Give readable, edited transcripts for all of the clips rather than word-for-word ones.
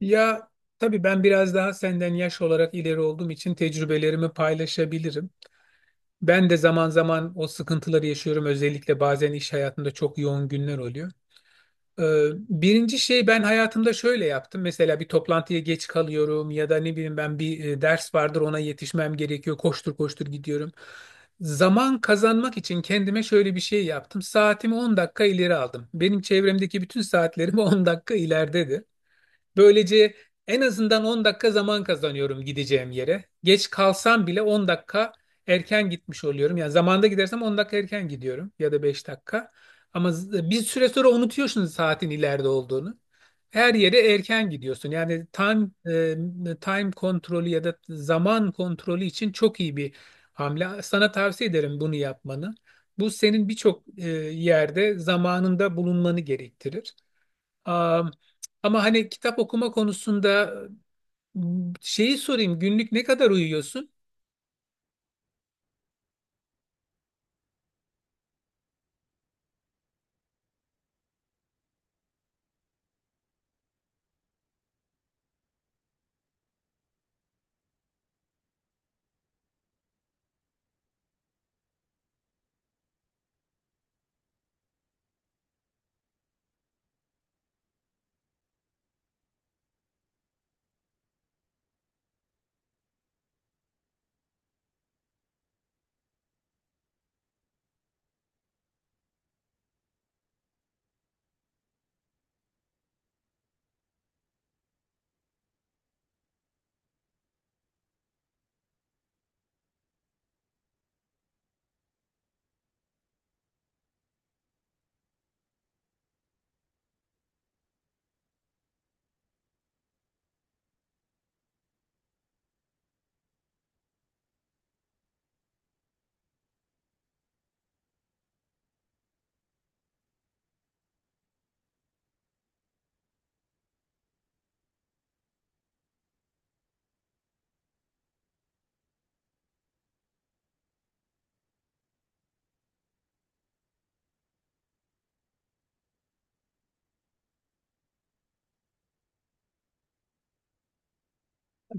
Ya tabii ben biraz daha senden yaş olarak ileri olduğum için tecrübelerimi paylaşabilirim. Ben de zaman zaman o sıkıntıları yaşıyorum. Özellikle bazen iş hayatında çok yoğun günler oluyor. Ee, Birinci şey ben hayatımda şöyle yaptım. Mesela bir toplantıya geç kalıyorum ya da ne bileyim ben bir ders vardır ona yetişmem gerekiyor. Koştur koştur gidiyorum. Zaman kazanmak için kendime şöyle bir şey yaptım. Saatimi 10 dakika ileri aldım. Benim çevremdeki bütün saatlerim 10 dakika ileride. Böylece en azından 10 dakika zaman kazanıyorum gideceğim yere. Geç kalsam bile 10 dakika erken gitmiş oluyorum. Yani zamanda gidersem 10 dakika erken gidiyorum ya da 5 dakika. Ama bir süre sonra unutuyorsunuz saatin ileride olduğunu. Her yere erken gidiyorsun. Yani time kontrolü ya da zaman kontrolü için çok iyi bir hamle. Sana tavsiye ederim bunu yapmanı. Bu senin birçok yerde zamanında bulunmanı gerektirir. Am, ama hani kitap okuma konusunda şeyi sorayım günlük ne kadar uyuyorsun?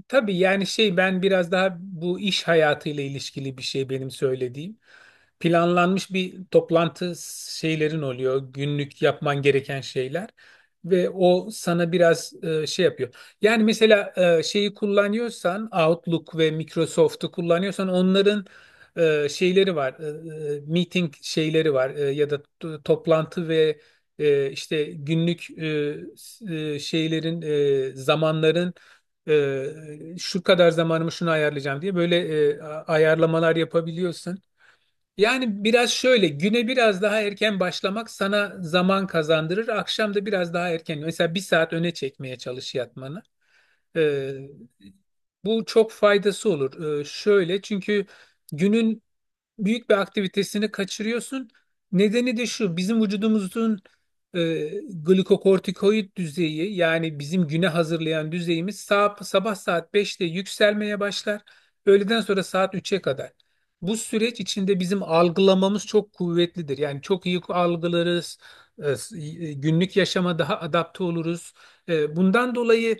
Tabii yani şey ben biraz daha bu iş hayatıyla ilişkili bir şey benim söylediğim. Planlanmış bir toplantı şeylerin oluyor. Günlük yapman gereken şeyler. Ve o sana biraz şey yapıyor. Yani mesela şeyi kullanıyorsan Outlook ve Microsoft'u kullanıyorsan onların şeyleri var. Meeting şeyleri var. Ya da toplantı ve işte günlük şeylerin zamanların şu kadar zamanımı şunu ayarlayacağım diye böyle ayarlamalar yapabiliyorsun. Yani biraz şöyle güne biraz daha erken başlamak sana zaman kazandırır. Akşam da biraz daha erken mesela bir saat öne çekmeye çalış yatmanı. E, Bu çok faydası olur. Şöyle çünkü günün büyük bir aktivitesini kaçırıyorsun. Nedeni de şu, bizim vücudumuzun glikokortikoid düzeyi yani bizim güne hazırlayan düzeyimiz sabah, sabah saat beşte yükselmeye başlar. Öğleden sonra saat üçe kadar. Bu süreç içinde bizim algılamamız çok kuvvetlidir. Yani çok iyi algılarız, günlük yaşama daha adapte oluruz. Bundan dolayı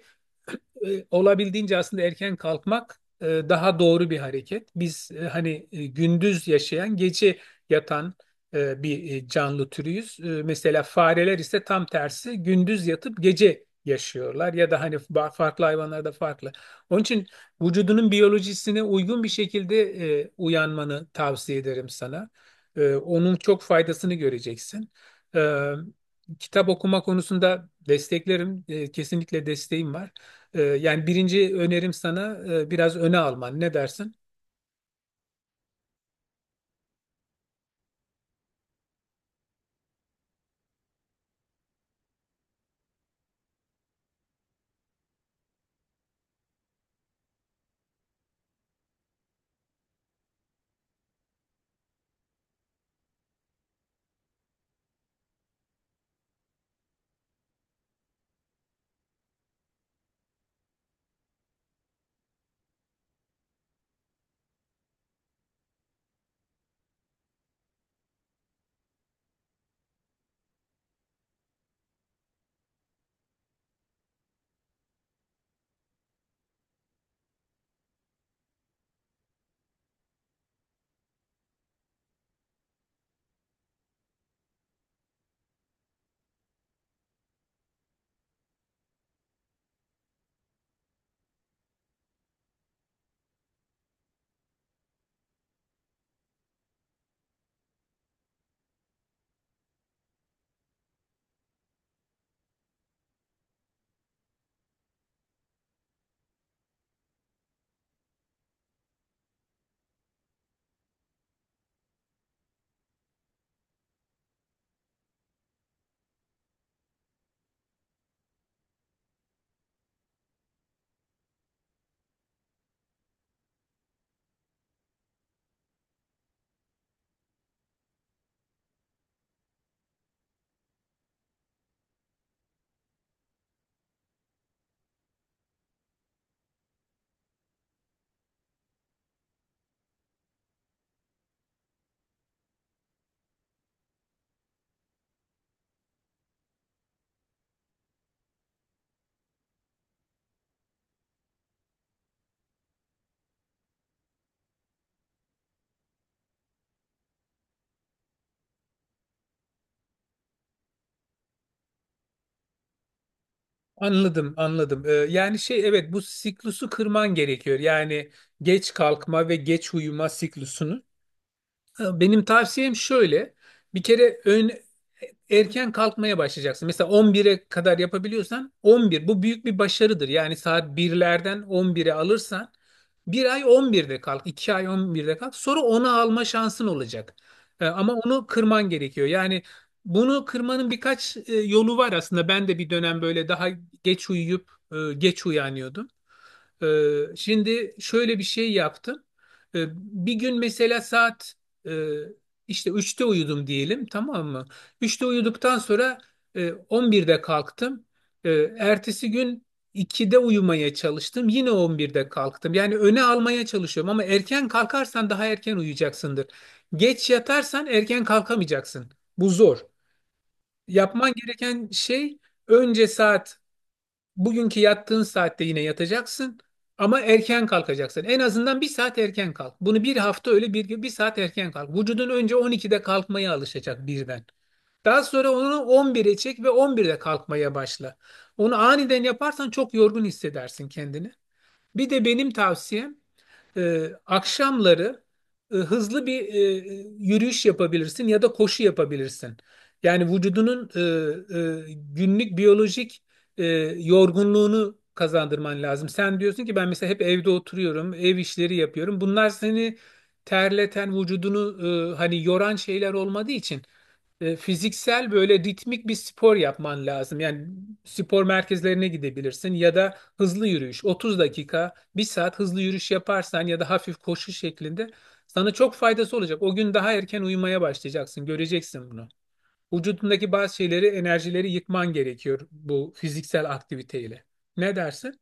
olabildiğince aslında erken kalkmak daha doğru bir hareket. Biz hani gündüz yaşayan, gece yatan bir canlı türüyüz. Mesela fareler ise tam tersi gündüz yatıp gece yaşıyorlar ya da hani farklı hayvanlarda farklı. Onun için vücudunun biyolojisine uygun bir şekilde uyanmanı tavsiye ederim sana. Onun çok faydasını göreceksin. E, Kitap okuma konusunda desteklerim. Kesinlikle desteğim var. Yani birinci önerim sana biraz öne alman. Ne dersin? Anladım, anladım. Yani şey evet bu siklusu kırman gerekiyor. Yani geç kalkma ve geç uyuma siklusunu. Benim tavsiyem şöyle. Bir kere erken kalkmaya başlayacaksın. Mesela 11'e kadar yapabiliyorsan 11 bu büyük bir başarıdır. Yani saat 1'lerden 11'e alırsan bir ay 11'de kalk, iki ay 11'de kalk. Sonra 10'a alma şansın olacak. Ama onu kırman gerekiyor. Yani bunu kırmanın birkaç yolu var aslında. Ben de bir dönem böyle daha geç uyuyup geç uyanıyordum. Şimdi şöyle bir şey yaptım. Bir gün mesela saat e, işte üçte uyudum diyelim, tamam mı? Üçte uyuduktan sonra 11'de kalktım. E, Ertesi gün 2'de uyumaya çalıştım. Yine 11'de kalktım. Yani öne almaya çalışıyorum ama erken kalkarsan daha erken uyuyacaksındır. Geç yatarsan erken kalkamayacaksın. Bu zor. Yapman gereken şey önce saat bugünkü yattığın saatte yine yatacaksın ama erken kalkacaksın. En azından bir saat erken kalk. Bunu bir hafta öyle bir saat erken kalk. Vücudun önce 12'de kalkmaya alışacak birden. Daha sonra onu 11'e çek ve 11'de kalkmaya başla. Onu aniden yaparsan çok yorgun hissedersin kendini. Bir de benim tavsiyem akşamları hızlı bir yürüyüş yapabilirsin ya da koşu yapabilirsin. Yani vücudunun günlük biyolojik e, yorgunluğunu kazandırman lazım. Sen diyorsun ki ben mesela hep evde oturuyorum, ev işleri yapıyorum. Bunlar seni terleten, vücudunu hani yoran şeyler olmadığı için fiziksel böyle ritmik bir spor yapman lazım. Yani spor merkezlerine gidebilirsin ya da hızlı yürüyüş. 30 dakika bir saat hızlı yürüyüş yaparsan ya da hafif koşu şeklinde sana çok faydası olacak. O gün daha erken uyumaya başlayacaksın. Göreceksin bunu. Vücudundaki bazı şeyleri, enerjileri yıkman gerekiyor bu fiziksel aktiviteyle. Ne dersin?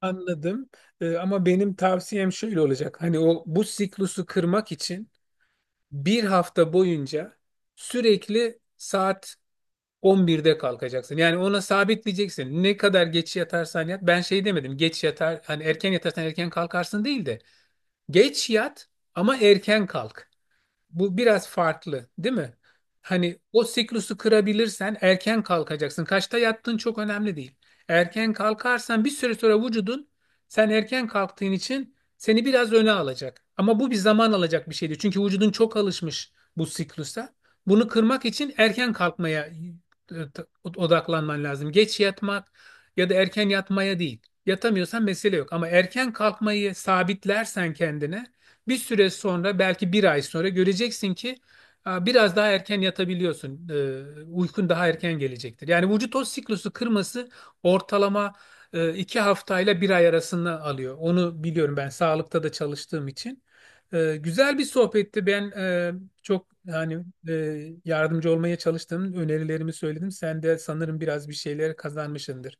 Anladım. Ama benim tavsiyem şöyle olacak. Hani o bu siklusu kırmak için bir hafta boyunca sürekli saat 11'de kalkacaksın. Yani ona sabitleyeceksin. Ne kadar geç yatarsan yat. Ben şey demedim. Geç yatar hani erken yatarsan erken kalkarsın değil de geç yat ama erken kalk. Bu biraz farklı, değil mi? Hani o siklusu kırabilirsen erken kalkacaksın. Kaçta yattığın çok önemli değil. Erken kalkarsan bir süre sonra vücudun sen erken kalktığın için seni biraz öne alacak. Ama bu bir zaman alacak bir şeydi. Çünkü vücudun çok alışmış bu siklusa. Bunu kırmak için erken kalkmaya odaklanman lazım. Geç yatmak ya da erken yatmaya değil. Yatamıyorsan mesele yok. Ama erken kalkmayı sabitlersen kendine bir süre sonra belki bir ay sonra göreceksin ki biraz daha erken yatabiliyorsun. Uykun daha erken gelecektir. Yani vücut o siklusu kırması ortalama iki haftayla bir ay arasında alıyor. Onu biliyorum ben sağlıkta da çalıştığım için. Güzel bir sohbetti. Ben çok hani yardımcı olmaya çalıştım. Önerilerimi söyledim. Sen de sanırım biraz bir şeyler kazanmışsındır.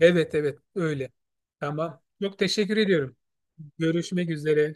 Evet, evet, öyle. Tamam. Çok teşekkür ediyorum. Görüşmek üzere.